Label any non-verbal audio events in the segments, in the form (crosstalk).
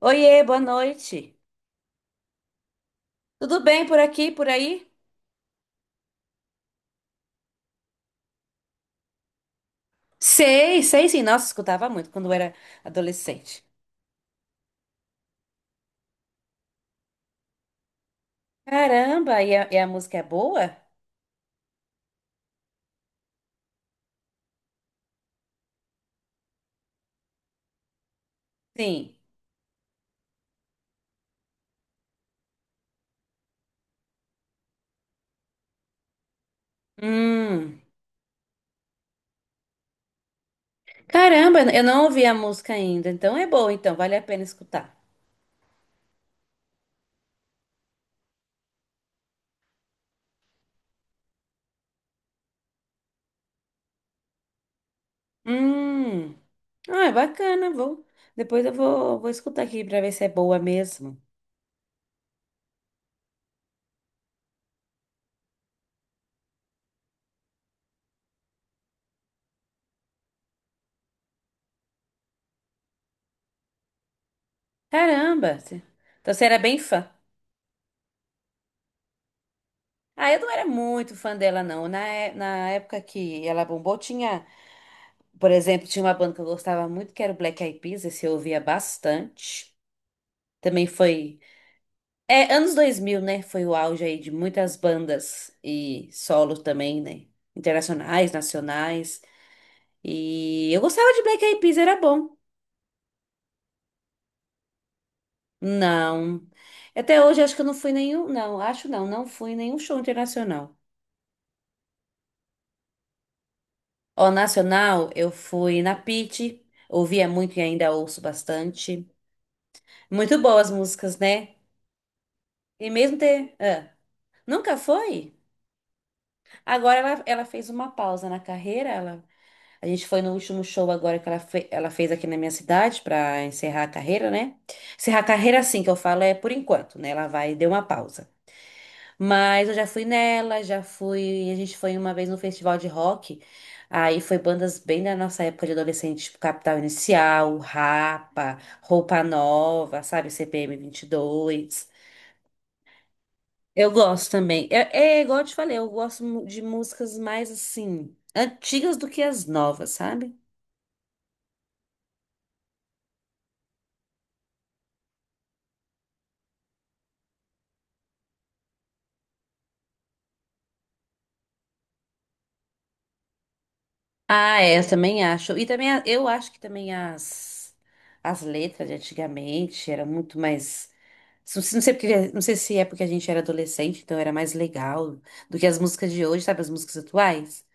Oiê, boa noite. Tudo bem por aqui, por aí? Sei, sei sim. Nossa, escutava muito quando eu era adolescente. Caramba, e a música é boa? Sim. Hum. Caramba, eu não ouvi a música ainda. Então é boa, então vale a pena escutar. Hum. Ah, é bacana, vou. Depois eu vou escutar aqui pra ver se é boa mesmo. Caramba. Então você era bem fã. Ah, eu não era muito fã dela, não. Na época que ela bombou, tinha. Por exemplo, tinha uma banda que eu gostava muito, que era o Black Eyed Peas, esse eu ouvia bastante. Também foi. É, anos dois mil, né? Foi o auge aí de muitas bandas e solo também, né? Internacionais, nacionais. E eu gostava de Black Eyed Peas, era bom. Não. Até hoje acho que eu não fui nenhum. Não, acho não, não fui em nenhum show internacional. Ó, nacional, eu fui na Pitty, ouvia muito e ainda ouço bastante. Muito boas músicas, né? E mesmo ter. ah, Nunca foi? Agora ela fez uma pausa na carreira. Ela, a gente foi no último show agora que ela fez aqui na minha cidade para encerrar a carreira, né? Encerrar a carreira, assim que eu falo, é por enquanto, né? Ela vai deu uma pausa. Mas eu já fui nela, já fui. A gente foi uma vez no festival de rock. Aí foi bandas bem da nossa época de adolescente, tipo Capital Inicial, Rapa, Roupa Nova, sabe? CPM dois eu gosto também. É, é igual eu te falei, de músicas mais assim, antigas do que as novas, sabe? Ah, é, eu também acho. Eu acho que também as letras de antigamente eram muito mais. Não sei, não sei se é porque a gente era adolescente, então era mais legal do que as músicas de hoje, sabe? As músicas atuais.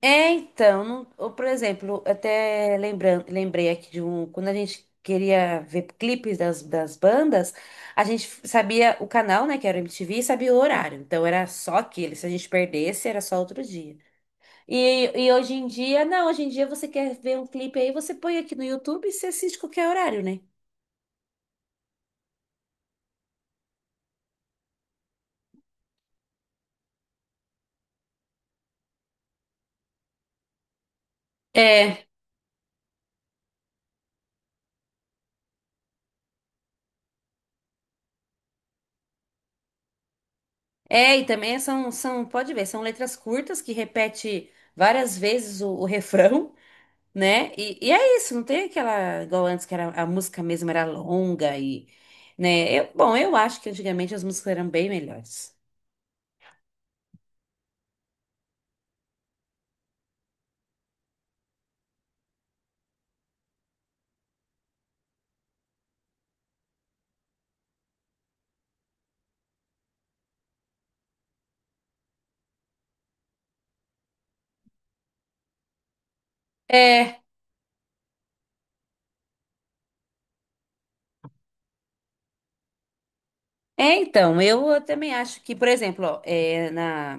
É, então, ou, por exemplo, lembrei aqui de um, quando a gente queria ver clipes das bandas, sabia o canal, né, que era o MTV, e sabia o horário. Então era só aquele, se a gente perdesse, era só outro dia. E hoje em dia, não, hoje em dia você quer ver um clipe aí, você põe aqui no YouTube e você assiste qualquer horário, né? É. É, e também são, pode ver, são letras curtas que repete várias vezes o refrão. Né? E é isso, não tem aquela, igual antes, que era, a música mesmo era longa e, né? Eu, bom, eu acho que antigamente as músicas eram bem melhores. É, é então, eu também acho que, por exemplo, ó, é, na,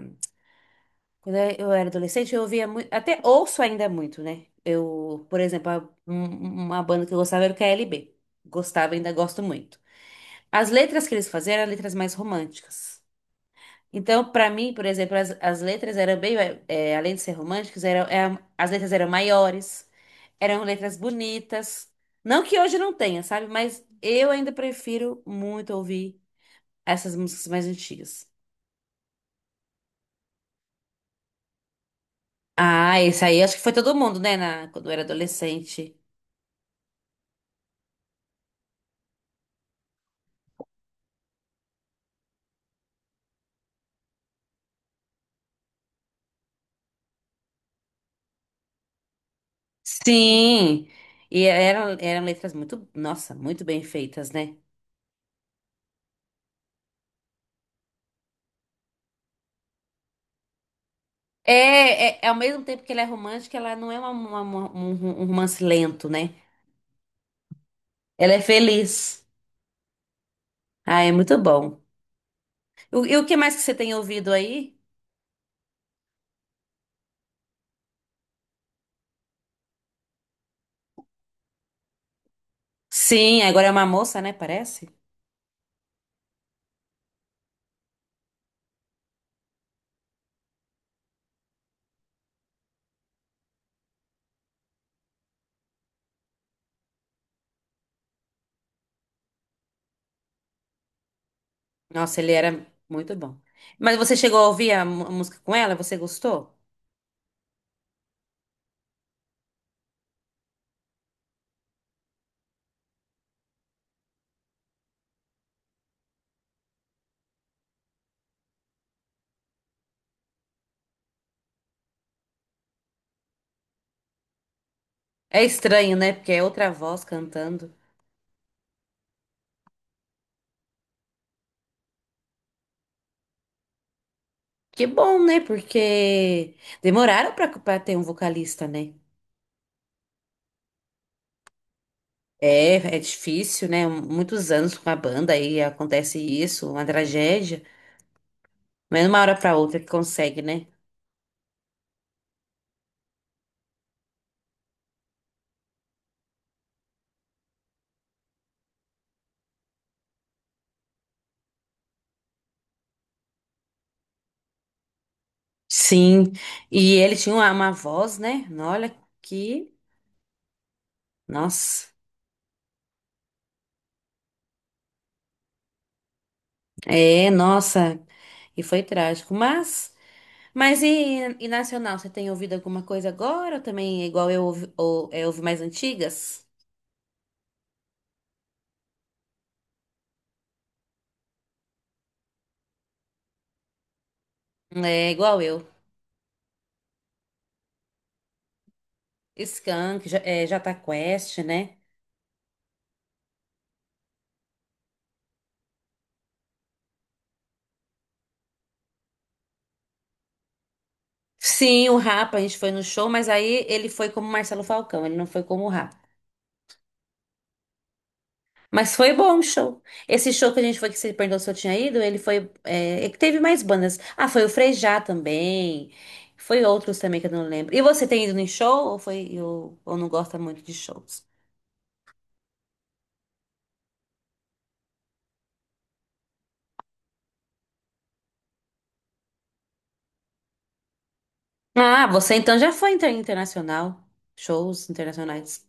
quando eu era adolescente, eu ouvia muito, até ouço ainda muito, né? Eu, por exemplo, uma banda que eu gostava era o KLB. Gostava, ainda gosto muito. As letras que eles faziam eram letras mais românticas. Então, para mim, por exemplo, as letras eram bem, é, além de ser românticas, eram, é, as letras eram maiores, eram letras bonitas. Não que hoje não tenha, sabe? Mas eu ainda prefiro muito ouvir essas músicas mais antigas. Ah, esse aí acho que foi todo mundo, né? Na, quando eu era adolescente. Sim! E eram, eram letras muito, nossa, muito bem feitas, né? É, é, é ao mesmo tempo que ela é romântica, ela não é um romance lento, né? Ela é feliz. Ah, é muito bom. E o que mais que você tem ouvido aí? Sim, agora é uma moça, né? Parece. Nossa, ele era muito bom. Mas você chegou a ouvir a a música com ela? Você gostou? É estranho, né? Porque é outra voz cantando. Que bom, né? Porque demoraram pra ter um vocalista, né? É, é difícil, né? Muitos anos com a banda aí acontece isso, uma tragédia. Mas de uma hora pra outra que consegue, né? Sim. E ele tinha uma voz, né? Olha que nossa, é, nossa, e foi trágico. Mas e nacional, você tem ouvido alguma coisa agora? Ou também é igual eu ouvi, ou, é, ouvi mais antigas? É igual eu. Skank, é, Jota Quest, né? Sim, o Rapa, a gente foi no show, mas aí ele foi como Marcelo Falcão, ele não foi como o Rapa. Mas foi bom o show. Esse show que a gente foi, que você perguntou se eu tinha ido, ele foi. É, é que teve mais bandas. Ah, foi o Frejá também. Foi outros também que eu não lembro. E você tem ido em show ou foi ou não gosta muito de shows? Ah, você então já foi internacional. Shows internacionais.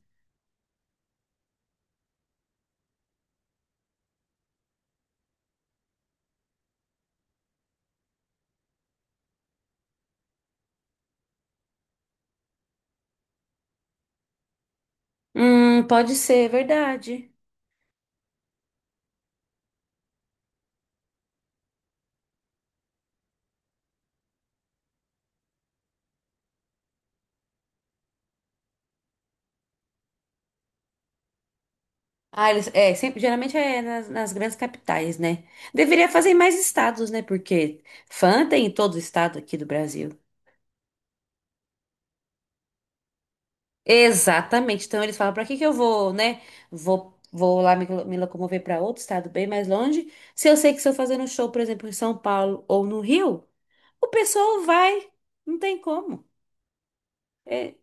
Pode ser, é verdade. Ah, eles, é, sempre, geralmente é nas grandes capitais, né? Deveria fazer em mais estados, né? Porque fã tem em todo estado aqui do Brasil. Exatamente. Então eles falam, para que que eu vou, né? Vou, vou lá me locomover para outro estado bem mais longe. Se eu sei que se eu fazer um show, por exemplo, em São Paulo ou no Rio, o pessoal vai. Não tem como. É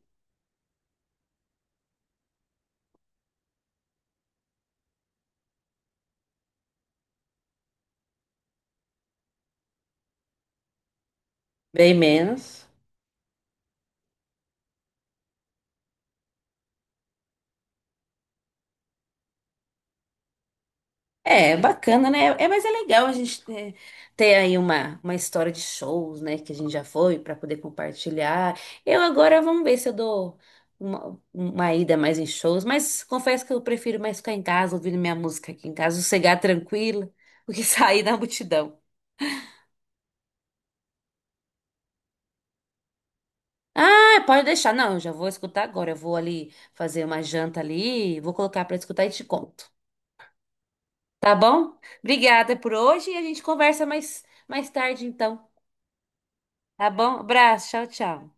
bem menos. É, bacana, né? É, mas é legal a gente ter, ter aí uma história de shows, né? Que a gente já foi para poder compartilhar. Eu agora vamos ver se eu dou uma ida mais em shows, mas confesso que eu prefiro mais ficar em casa, ouvindo minha música aqui em casa, sossegar tranquila, (laughs) do que sair na multidão. Ah, pode deixar. Não, eu já vou escutar agora. Eu vou ali fazer uma janta ali, vou colocar para escutar e te conto. Tá bom? Obrigada por hoje e a gente conversa mais tarde então. Tá bom? Abraço, tchau, tchau.